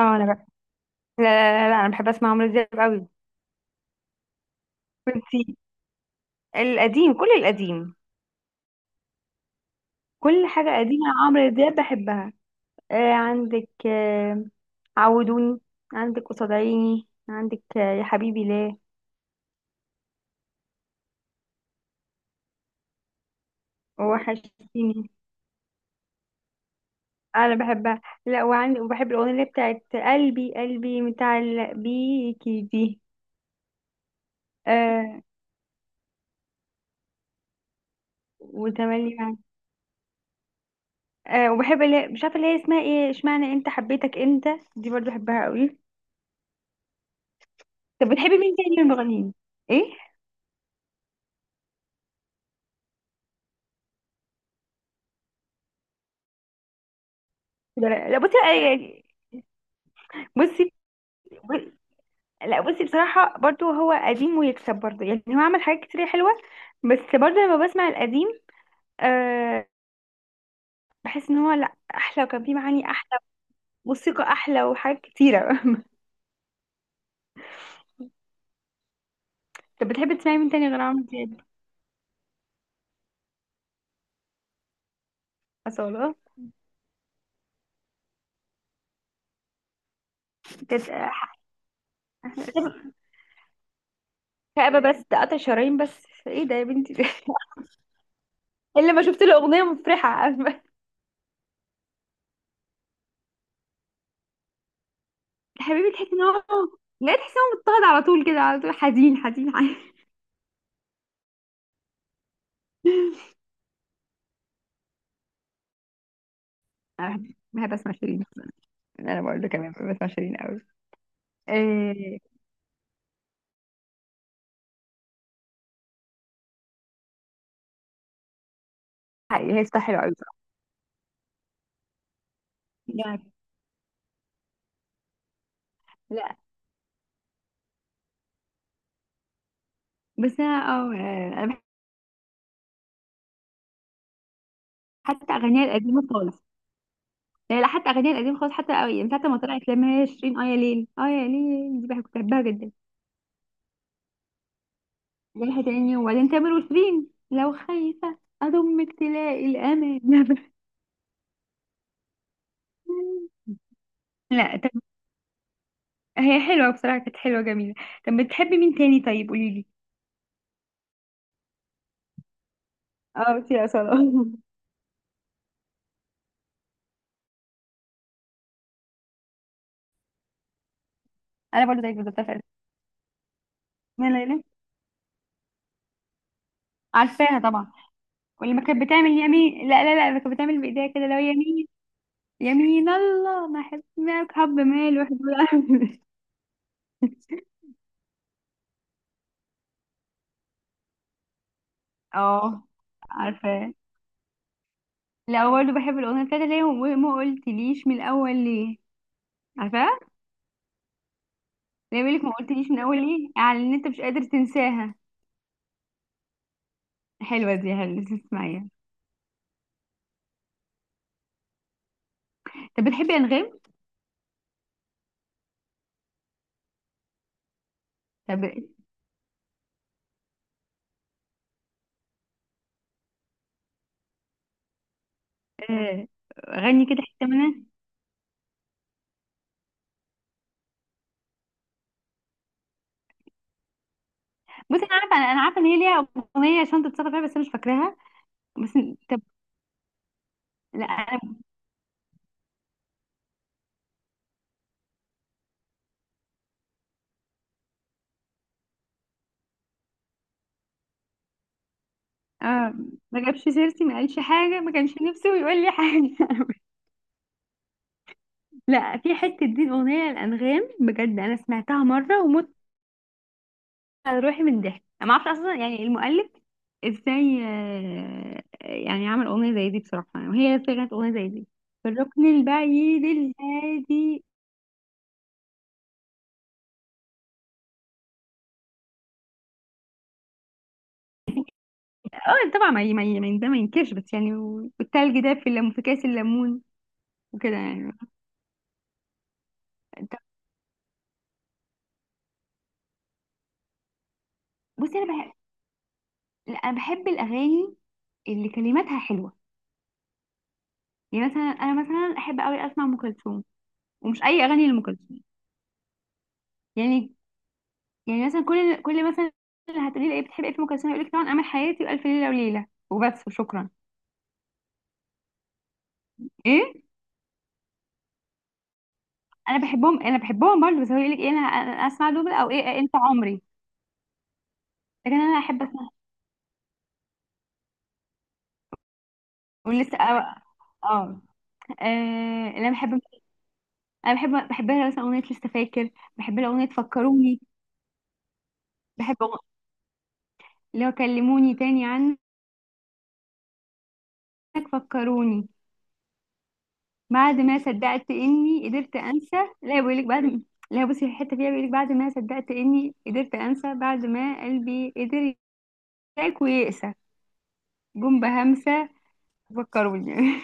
اه انا بقى لا لا لا، لا انا بحب اسمع عمرو دياب قوي. كنتي القديم، كل القديم. كل حاجه قديمه عمرو دياب بحبها. آه عندك آه عودوني، عندك قصاد عيني، عندك آه يا حبيبي ليه. وحشتيني. انا بحبها. لا وعندي وبحب الاغنيه اللي بتاعت قلبي قلبي متعلق بيكي دي. آه، وتملي معاك. آه، وبحب اللي مش عارفه اللي هي اسمها ايه، اشمعنى انت حبيتك انت. دي برضو بحبها قوي. طب بتحبي مين تاني من المغنيين؟ ايه؟ لا لا لا، بصي. يعني، بصي، ب- لا، بصي بصراحة برضو هو قديم ويكسب، برضو يعني هو عمل حاجات كتير حلوة. بس برضو لما بسمع القديم، آه، بحس ان هو لا احلى، وكان فيه معاني احلى، موسيقى احلى وحاجات كتيرة. طب بتحبي تسمعي مين تاني غير عمرو دياب؟ أصالة. كانت كآبة، بس ده قطع شرايين، بس ايه ده يا بنتي ده؟ الا ما شفت له اغنية مفرحة؟ عارفة؟ حبيبي تحسي ان هو، لا تحسي ان هو مضطهد على طول كده، على طول حزين حزين حزين. انا بحب، بحب اسمع شيرين. انا برضه كمان بسمع شيرين قوي. إيه. حقيقي هي صوتها حلو قوي بصراحة. لا، لا بس انا اه انا بحب حتى اغانيها القديمه خالص. لا لا، حتى اغانيها القديمه خالص، حتى قوي من ساعه ما طلعت لما هي شيرين، اه يا ليل، اه يا ليل دي بحب، كنت بحبها جدا. رايحه تاني وبعدين، تامر وشيرين لو خايفه اضمك تلاقي الامان. لا طب، هي حلوه بصراحه، كانت حلوه جميله. طب بتحبي مين تاني؟ طيب قولي لي. اه، بس يا صلاة. انا برضه زيك بالظبط، أنا فعلا. يا ليلى. عارفاها طبعا. ولما كانت بتعمل يمين، لا لا لا، لما كانت بتعمل بايديها كده لو يمين، يمين الله ما حسناك، حب مال واحد اه، عارفاه. لا برضه بحب الاغنيه بتاعت اللي هي ما قلتليش من الاول ليه. عارفاه؟ اللي هي بيقولك ما قلتليش من الاول ليه، يعني ان انت مش قادر تنساها. حلوه دي، حلوه، تسمعيها. طب بتحبي انغام؟ طب، آه، غني كده حته منها. بصي، انا عارفه، انا عارفه ان هي ليها اغنيه عشان تتصرف فيها، بس انا مش فاكراها. بس طب لا اه، ما جابش سيرتي، ما قالش حاجه، ما كانش نفسه يقول لي حاجه. لا، في حته دي الاغنيه الانغام، بجد انا سمعتها مره ومت على روحي من الضحك، انا ما اعرفش اصلا يعني المؤلف ازاي، يعني عمل اغنيه زي دي بصراحه، يعني وهي لسه كانت اغنيه زي دي في الركن البعيد الهادي. اه طبعا، ما ده ما ينكرش، بس يعني والتلج ده في الليمون، في كاس الليمون وكده يعني. طب بصي، انا بحب، لا، انا بحب الاغاني اللي كلماتها حلوه. يعني مثلا انا مثلا احب قوي اسمع ام كلثوم، ومش اي اغاني لام كلثوم. يعني، يعني مثلا كل مثلا اللي هتقولي لي ايه بتحبي ايه في ام كلثوم، يقول لك طبعا امل حياتي والف ليله وليله وبس وشكرا. ايه. انا بحبهم، انا بحبهم برضه، بس هو يقول لك ايه، انا اسمع دول او ايه، إيه، انت عمري. لكن انا احب اسمع، ولسه، اه، آه، آه، انا بحب، انا بحب، بحب لها مثلا اغنيه لسه فاكر. بحب لها اغنيه فكروني. بحب اللي هو كلموني تاني عنك، فكروني. بعد ما صدقت اني قدرت انسى. لا بيقول لك بعد ما... لا بصي الحته فيها بيقول لك بعد ما صدقت اني قدرت انسى، بعد ما قلبي قدر يشاك ويقسى، جم بهمسه فكروني.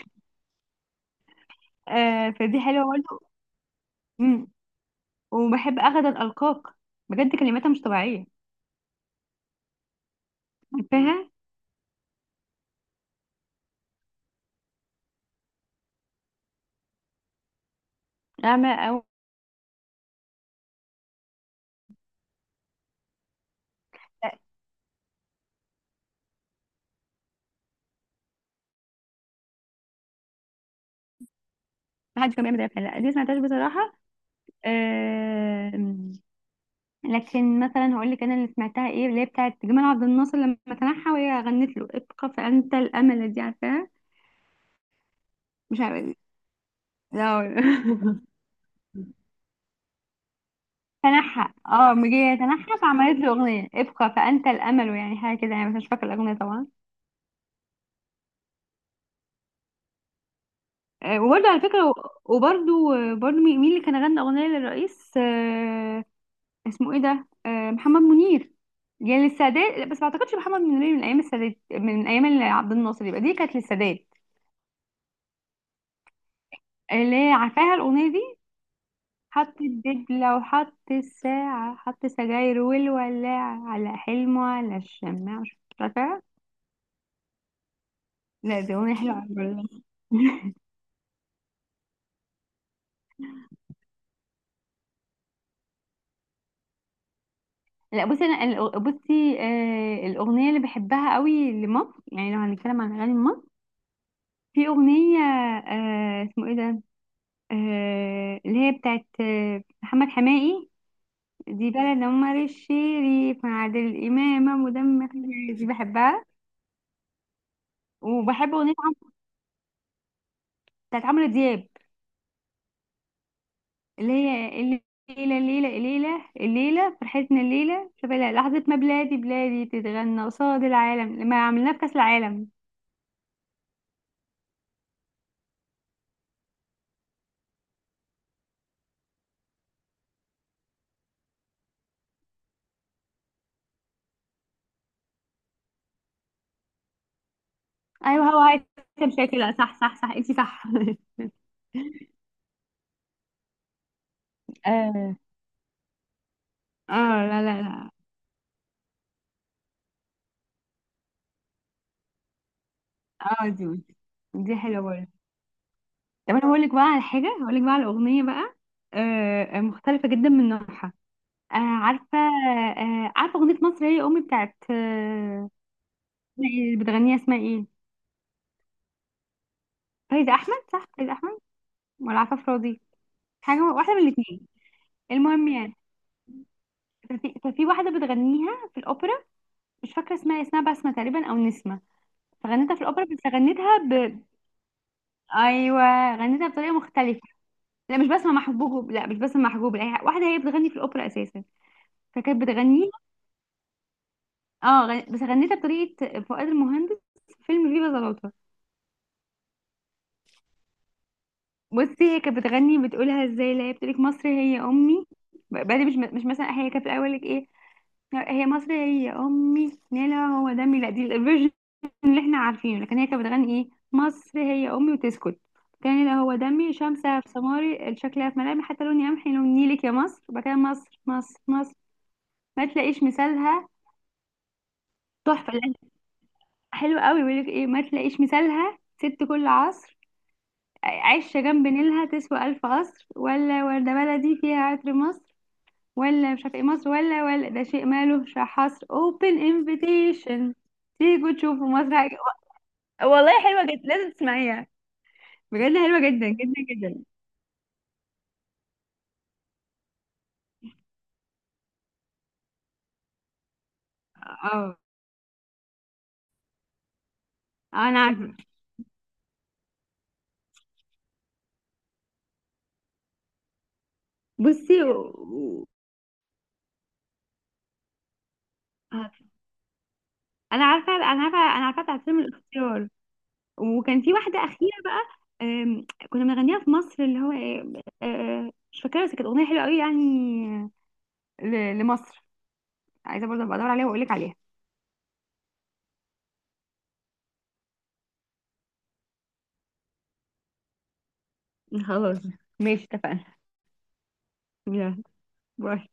آه فدي حلوه برضه. مم. وبحب اخد الالقاك، بجد كلماتها مش طبيعيه. عارفاها؟ اعمى او، لا ما حدش كان بيعمل ده فعلا. لا، دي ما سمعتهاش بصراحه. آه... لكن مثلا هقول لك انا اللي سمعتها ايه، اللي هي بتاعت جمال عبد الناصر لما تنحى، وهي غنت له ابقى فانت الامل، دي عارفاها؟ مش عارفة. لا. تنحى، اه مجيه تنحى فعملت له اغنيه ابقى فانت الامل، يعني حاجه كده يعني، بس مش فاكره الاغنيه طبعا. آه، وبرضه على فكره. وبرضه، برضه مين اللي كان غنى اغنيه للرئيس، اسمه ايه ده؟ آه، محمد منير. يعني للسادات، لا، بس ما اعتقدش محمد منير من ايام السادات، من ايام اللي عبد الناصر، يبقى دي كانت للسادات. اللي هي عارفاها الاغنيه دي. حط الدبلة وحط الساعة، حط سجاير والولاعة، على حلمه على الشماعة، مش عارفة. لا دي أغنية حلوة عبد الله. لا بصي انا بصي، آه الاغنيه اللي بحبها قوي لمصر، يعني لو هنتكلم عن اغاني مصر. في اغنيه، آه اسمه ايه ده، آه اللي هي بتاعت محمد حماقي. دي بلد عمر الشريف مع عادل امام ودم خفيف، دي بحبها. وبحب اغنيه بتاعت عمرو دياب اللي هي الليله، الليله الليله الليله فرحتنا الليله، شوف لحظه ما بلادي بلادي تتغنى قصاد العالم لما عملناه في كاس العالم. ايوه، هو هيثم شاكر، صح صح صح، انت صح. آه. اه لا لا لا، اه دي، دي حلوه برضه. طب انا هقول لك بقى على حاجه، هقول لك بقى على اغنيه بقى، آه مختلفه جدا من نوعها. آه عارفه، آه عارفه اغنيه مصر هي امي بتاعت آه، اسمها إيه اللي بتغنيها، اسمها ايه؟ فايزه احمد، صح فايزه احمد ولا عفاف راضي، حاجه واحده من الاثنين. المهم يعني، ففي واحده بتغنيها في الاوبرا، مش فاكره اسمها إيه، اسمها بسمه تقريبا او نسمه، فغنتها في الاوبرا بس غنتها. ايوه، غنيتها بطريقه مختلفه. لا مش بسمع محبوب، لا مش بسمع محبوب، لا واحده هي بتغني في الاوبرا اساسا، فكانت بتغنيها. اه بس غنيتها بطريقه فؤاد المهندس في فيلم فيفا زلاطه. بصي هي كانت بتغني بتقولها ازاي، لا هي بتقولك مصر هي امي، بعدين مش مثلا هي كانت الاول لك ايه، هي مصر هي امي لا لا، هو دمي، لا دي الفيرجن اللي احنا عارفينه، لكن هي كانت بتغني ايه مصر هي امي وتسكت. كان اللي هو دمي شمسها في سماري، شكلها في ملامح، حتى لوني قمحي لون نيلك يا مصر، وبعد كده مصر مصر مصر ما تلاقيش مثالها. تحفه، لأن حلو قوي، بيقول لك ايه، ما تلاقيش مثالها ست كل عصر، عايشه جنب نيلها تسوى الف قصر، ولا ورده بلدي فيها عطر مصر، ولا مش عارفه ايه مصر، ولا ولا ده شيء مالوش حصر، open invitation، تيجوا تشوفوا مصر حاجة. والله حلوه جدا، لازم تسمعيها. بجد حلوة جدا جدا جدا. اه، آه، انا عارفة، بصي آه، انا عارفة انا عارفة انا عارفة بتاعت فيلم الاختيار. وكان في واحدة أخيرة بقى، آم، كنا بنغنيها في مصر اللي هو إيه، آه، مش فاكرة بس كانت أغنية حلوة قوي يعني، لمصر، عايزة برضه أبقى أدور عليها وأقول لك عليها. خلاص، ماشي اتفقنا. يلا، باي.